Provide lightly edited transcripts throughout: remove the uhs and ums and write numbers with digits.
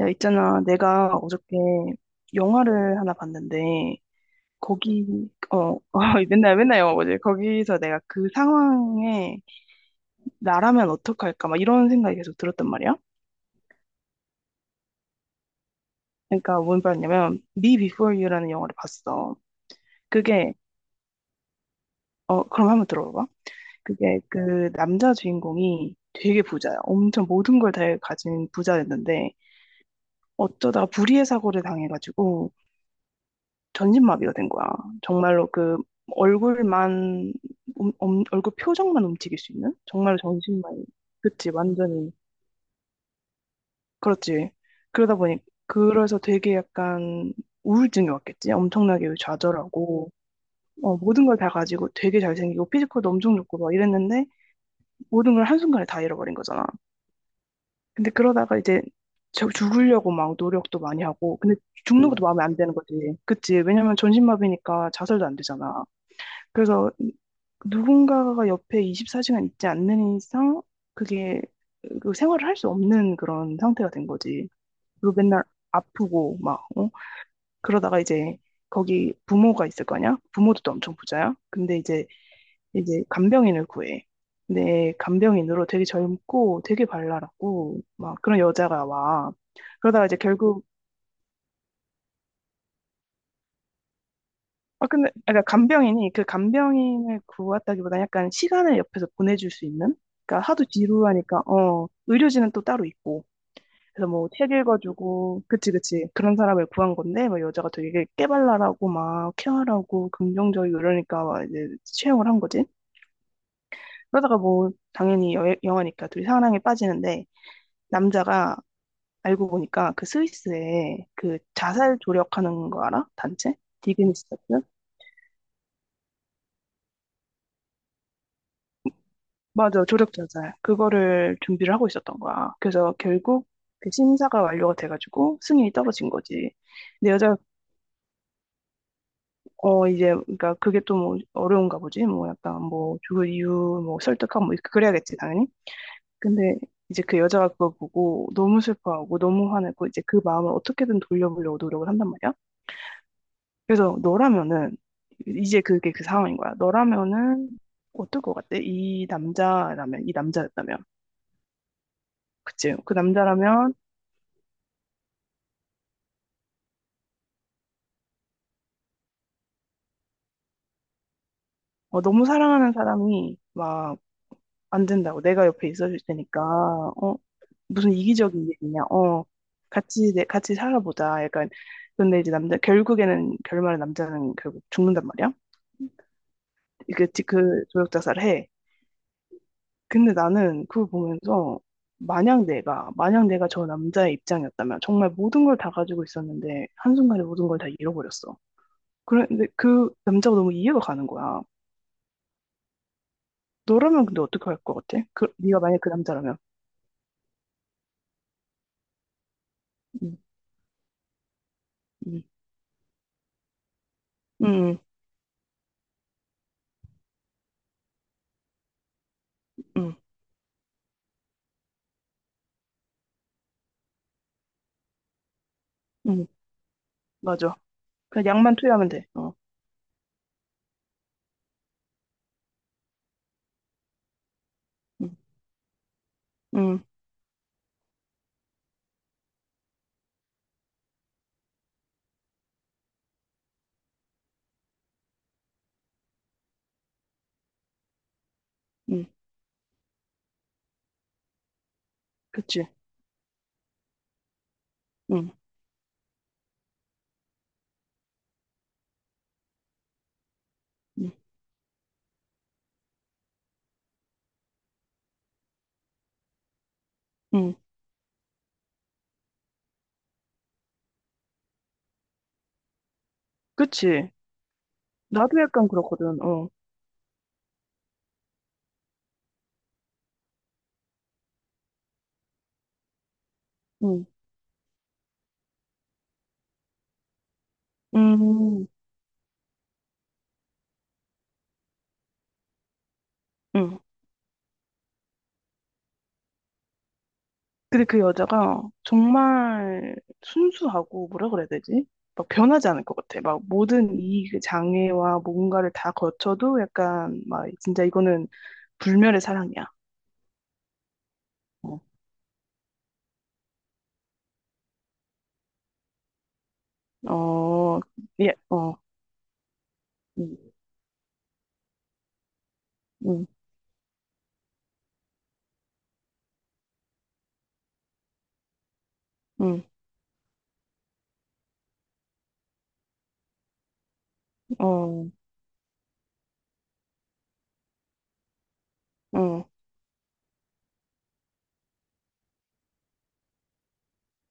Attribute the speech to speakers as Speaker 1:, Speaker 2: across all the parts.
Speaker 1: 야, 있잖아. 내가 어저께 영화를 하나 봤는데, 거기, 어, 맨날 영화 보지. 거기서 내가 그 상황에 나라면 어떡할까? 막 이런 생각이 계속 들었단 말이야. 그러니까 뭔 말이냐면, Me Before You라는 영화를 봤어. 그게, 그럼 한번 들어봐. 그게 그 남자 주인공이 되게 부자야. 엄청 모든 걸 다 가진 부자였는데, 어쩌다가 불의의 사고를 당해가지고, 전신마비가 된 거야. 정말로 그 얼굴만 음, 얼굴 표정만 움직일 수 있는 정말로 전신마비. 그치, 완전히 그렇지. 그러다 보니 그래서 되게 약간 우울증이 왔겠지. 엄청나게 좌절하고, 어, 모든 걸 다 가지고 되게 잘생기고 피지컬도 엄청 좋고 막 이랬는데 모든 걸 한순간에 다 잃어버린 거잖아. 근데 그러다가 이제 저 죽으려고 막 노력도 많이 하고. 근데 죽는 것도 마음에 안 드는 거지. 그치? 왜냐면 전신마비니까 자살도 안 되잖아. 그래서 누군가가 옆에 24시간 있지 않는 이상 그게 그 생활을 할 수 없는 그런 상태가 된 거지. 그리고 맨날 아프고 막 어? 그러다가 이제 거기 부모가 있을 거냐? 부모도 또 엄청 부자야. 근데 이제 간병인을 구해. 근데 간병인으로 되게 젊고 되게 발랄하고 막 그런 여자가 와. 그러다가 이제 결국 아, 근데, 아, 그러니까 간병인이 그 간병인을 구했다기보다 약간 시간을 옆에서 보내줄 수 있는? 그러니까 하도 지루하니까, 어, 의료진은 또 따로 있고. 그래서 뭐 책 읽어주고, 그치, 그치. 그런 사람을 구한 건데, 막 여자가 되게 깨발랄하고, 막 케어하고, 긍정적이고 이러니까 막 이제 채용을 한 거지. 그러다가 뭐, 당연히 영화니까 둘이 사랑에 빠지는데, 남자가 알고 보니까 그 스위스에 그 자살 조력하는 거 알아? 단체? 디그니스트? 맞아, 조력 자살. 그거를 준비를 하고 있었던 거야. 그래서 결국 그 심사가 완료가 돼가지고 승인이 떨어진 거지. 근데 여자, 어, 이제, 그러니까 그게 또 뭐 어려운가 보지. 뭐 약간 뭐 그 이유, 뭐 설득하고 뭐 그래야겠지, 당연히. 근데 이제 그 여자가 그걸 보고 너무 슬퍼하고 너무 화내고 이제 그 마음을 어떻게든 돌려보려고 노력을 한단 말이야. 그래서 너라면은, 이제 그게 그 상황인 거야. 너라면은 어떨 것 같아? 이 남자라면, 이 남자였다면. 그치? 그 남자라면, 어, 너무 사랑하는 사람이 막 안 된다고 내가 옆에 있어줄 테니까, 어, 무슨 이기적인 일이냐, 어, 같이 살아보자, 약간. 근데 이제 남자 결국에는 결말에 남자는 결국 죽는단 말이야. 그게그 조력자살을 해. 근데 나는 그걸 보면서 만약 내가 저 남자의 입장이었다면, 정말 모든 걸 다 가지고 있었는데 한순간에 모든 걸 다 잃어버렸어. 그런데 그 남자가 너무 이해가 가는 거야. 너라면 근데 어떻게 할 것 같아? 그 네가 만약 그 남자라면. 음, 음, 음, 음, 음. 맞아. 그냥 약만 투여하면 돼. 음, 음, 음, 그치. 음, 음, 음, 그치. 나도 약간 그렇거든. 음, 음, 음. 근데 그 여자가 정말 순수하고 뭐라 그래야 되지? 막 변하지 않을 것 같아. 막 모든 이 그 장애와 뭔가를 다 거쳐도 약간 막 진짜 이거는 불멸의 사랑이야. 어, 어, 예, 어, 음, 음, 음, 어, 어,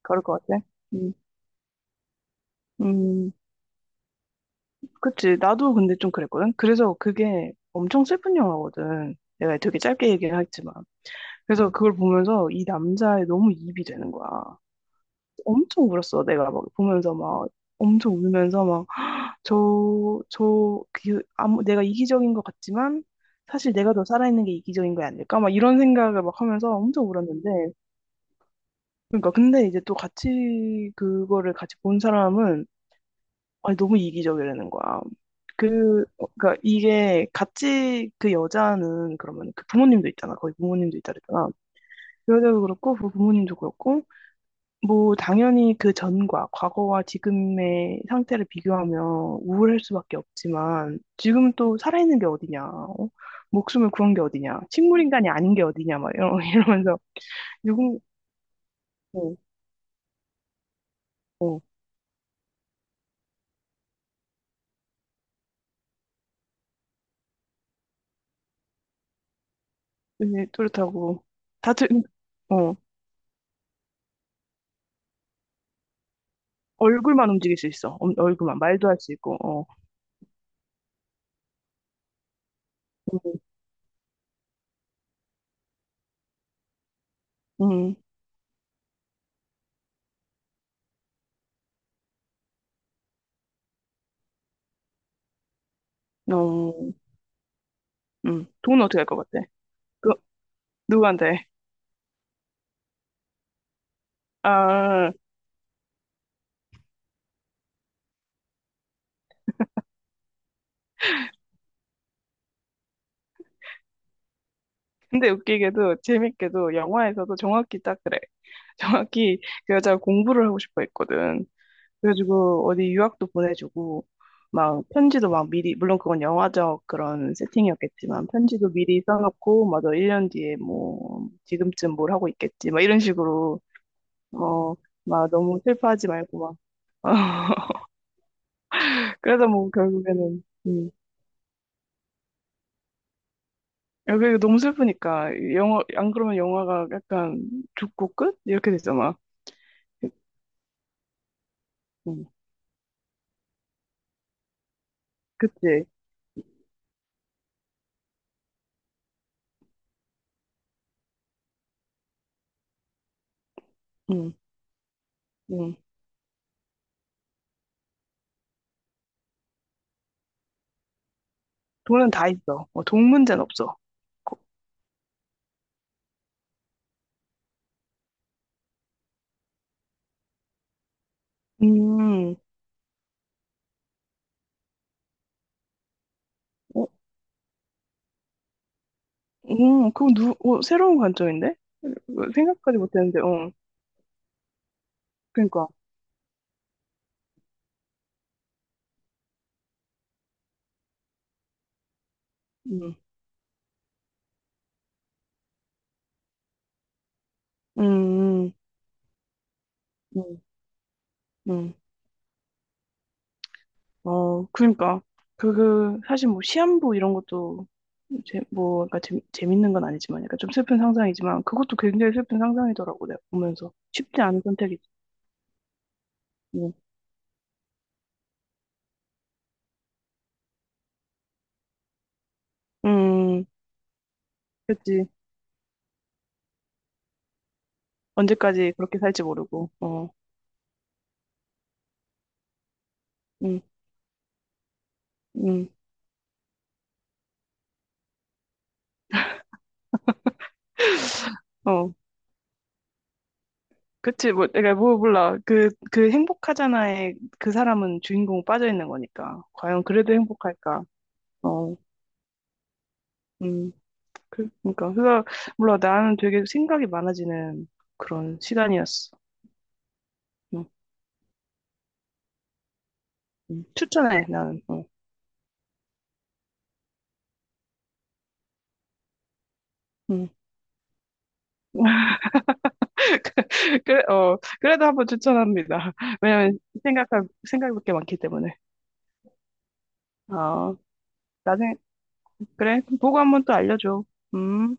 Speaker 1: 그럴 것 같아. 음. 음, 그치. 나도 근데 좀 그랬거든. 그래서 그게 엄청 슬픈 영화거든. 내가 되게 짧게 얘기를 했지만. 그래서 그걸 보면서 이 남자에 너무 이입이 되는 거야. 엄청 울었어. 내가 막 보면서 막 엄청 울면서 막 내가 이기적인 것 같지만 사실 내가 더 살아있는 게 이기적인 거 아닐까? 막 이런 생각을 막 하면서 엄청 울었는데. 그러니까 근데 이제 또 같이 그거를 같이 본 사람은 아니, 너무 이기적이라는 거야. 그러니까 이게 같이 그 여자는 그러면 그 부모님도 있잖아. 거의 부모님도 있다 그랬잖아. 그 여자도 그렇고, 그 부모님도 그렇고, 뭐, 당연히 과거와 지금의 상태를 비교하면 우울할 수밖에 없지만, 지금 또 살아있는 게 어디냐, 어? 목숨을 구한 게 어디냐, 식물인간이 아닌 게 어디냐, 이러면서, 누군, 어, 어, 이제 그렇다고, 다들, 어, 얼굴만 움직일 수 있어. 어, 얼굴만, 말도 할 수 있고, 어. 음, 음, 어, 돈 어떻게 할 것 같아? 그, 누구한테? 아, 근데 웃기게도, 재밌게도, 영화에서도 정확히 딱 그래. 정확히 그 여자가 공부를 하고 싶어 했거든. 그래가지고, 어디 유학도 보내주고, 막, 편지도 막 미리, 물론 그건 영화적 그런 세팅이었겠지만, 편지도 미리 써놓고, 맞아, 1년 뒤에 뭐, 지금쯤 뭘 하고 있겠지, 막 이런 식으로, 어, 막 너무 슬퍼하지 말고, 막. 그래서 뭐, 결국에는, 음, 여기 너무 슬프니까 영화 안 그러면 영화가 약간 죽고 끝 이렇게 되잖아. 응, 그치? 응, 응. 돈은 다 있어. 어, 돈 문제는 없어. 거- 음, 어, 그거 새로운 관점인데? 어, 생각까지 못했는데, 어, 그러니까, 음, 음, 음, 음, 음. 그러니까 그 사실 뭐 시한부 이런 것도 그러니까 재밌는 건 아니지만, 약간 좀 슬픈 상상이지만, 그것도 굉장히 슬픈 상상이더라고, 내가 보면서. 쉽지 않은 선택이. 음, 음, 그치. 언제까지 그렇게 살지 모르고, 음, 음, 어, 그치. 뭐, 내가 뭐 몰라. 그 행복하잖아에 그 사람은 주인공 빠져 있는 거니까. 과연 그래도 행복할까? 어, 음, 그니까. 그래서, 몰라. 나는 되게 생각이 많아지는 그런 시간이었어. 음, 추천해, 나는. 음. 그래, 어, 그래도 한번 추천합니다. 왜냐면 생각할, 생각할 게 많기 때문에. 어, 나중에 그래, 그럼 보고 한 번 또 알려줘. 음.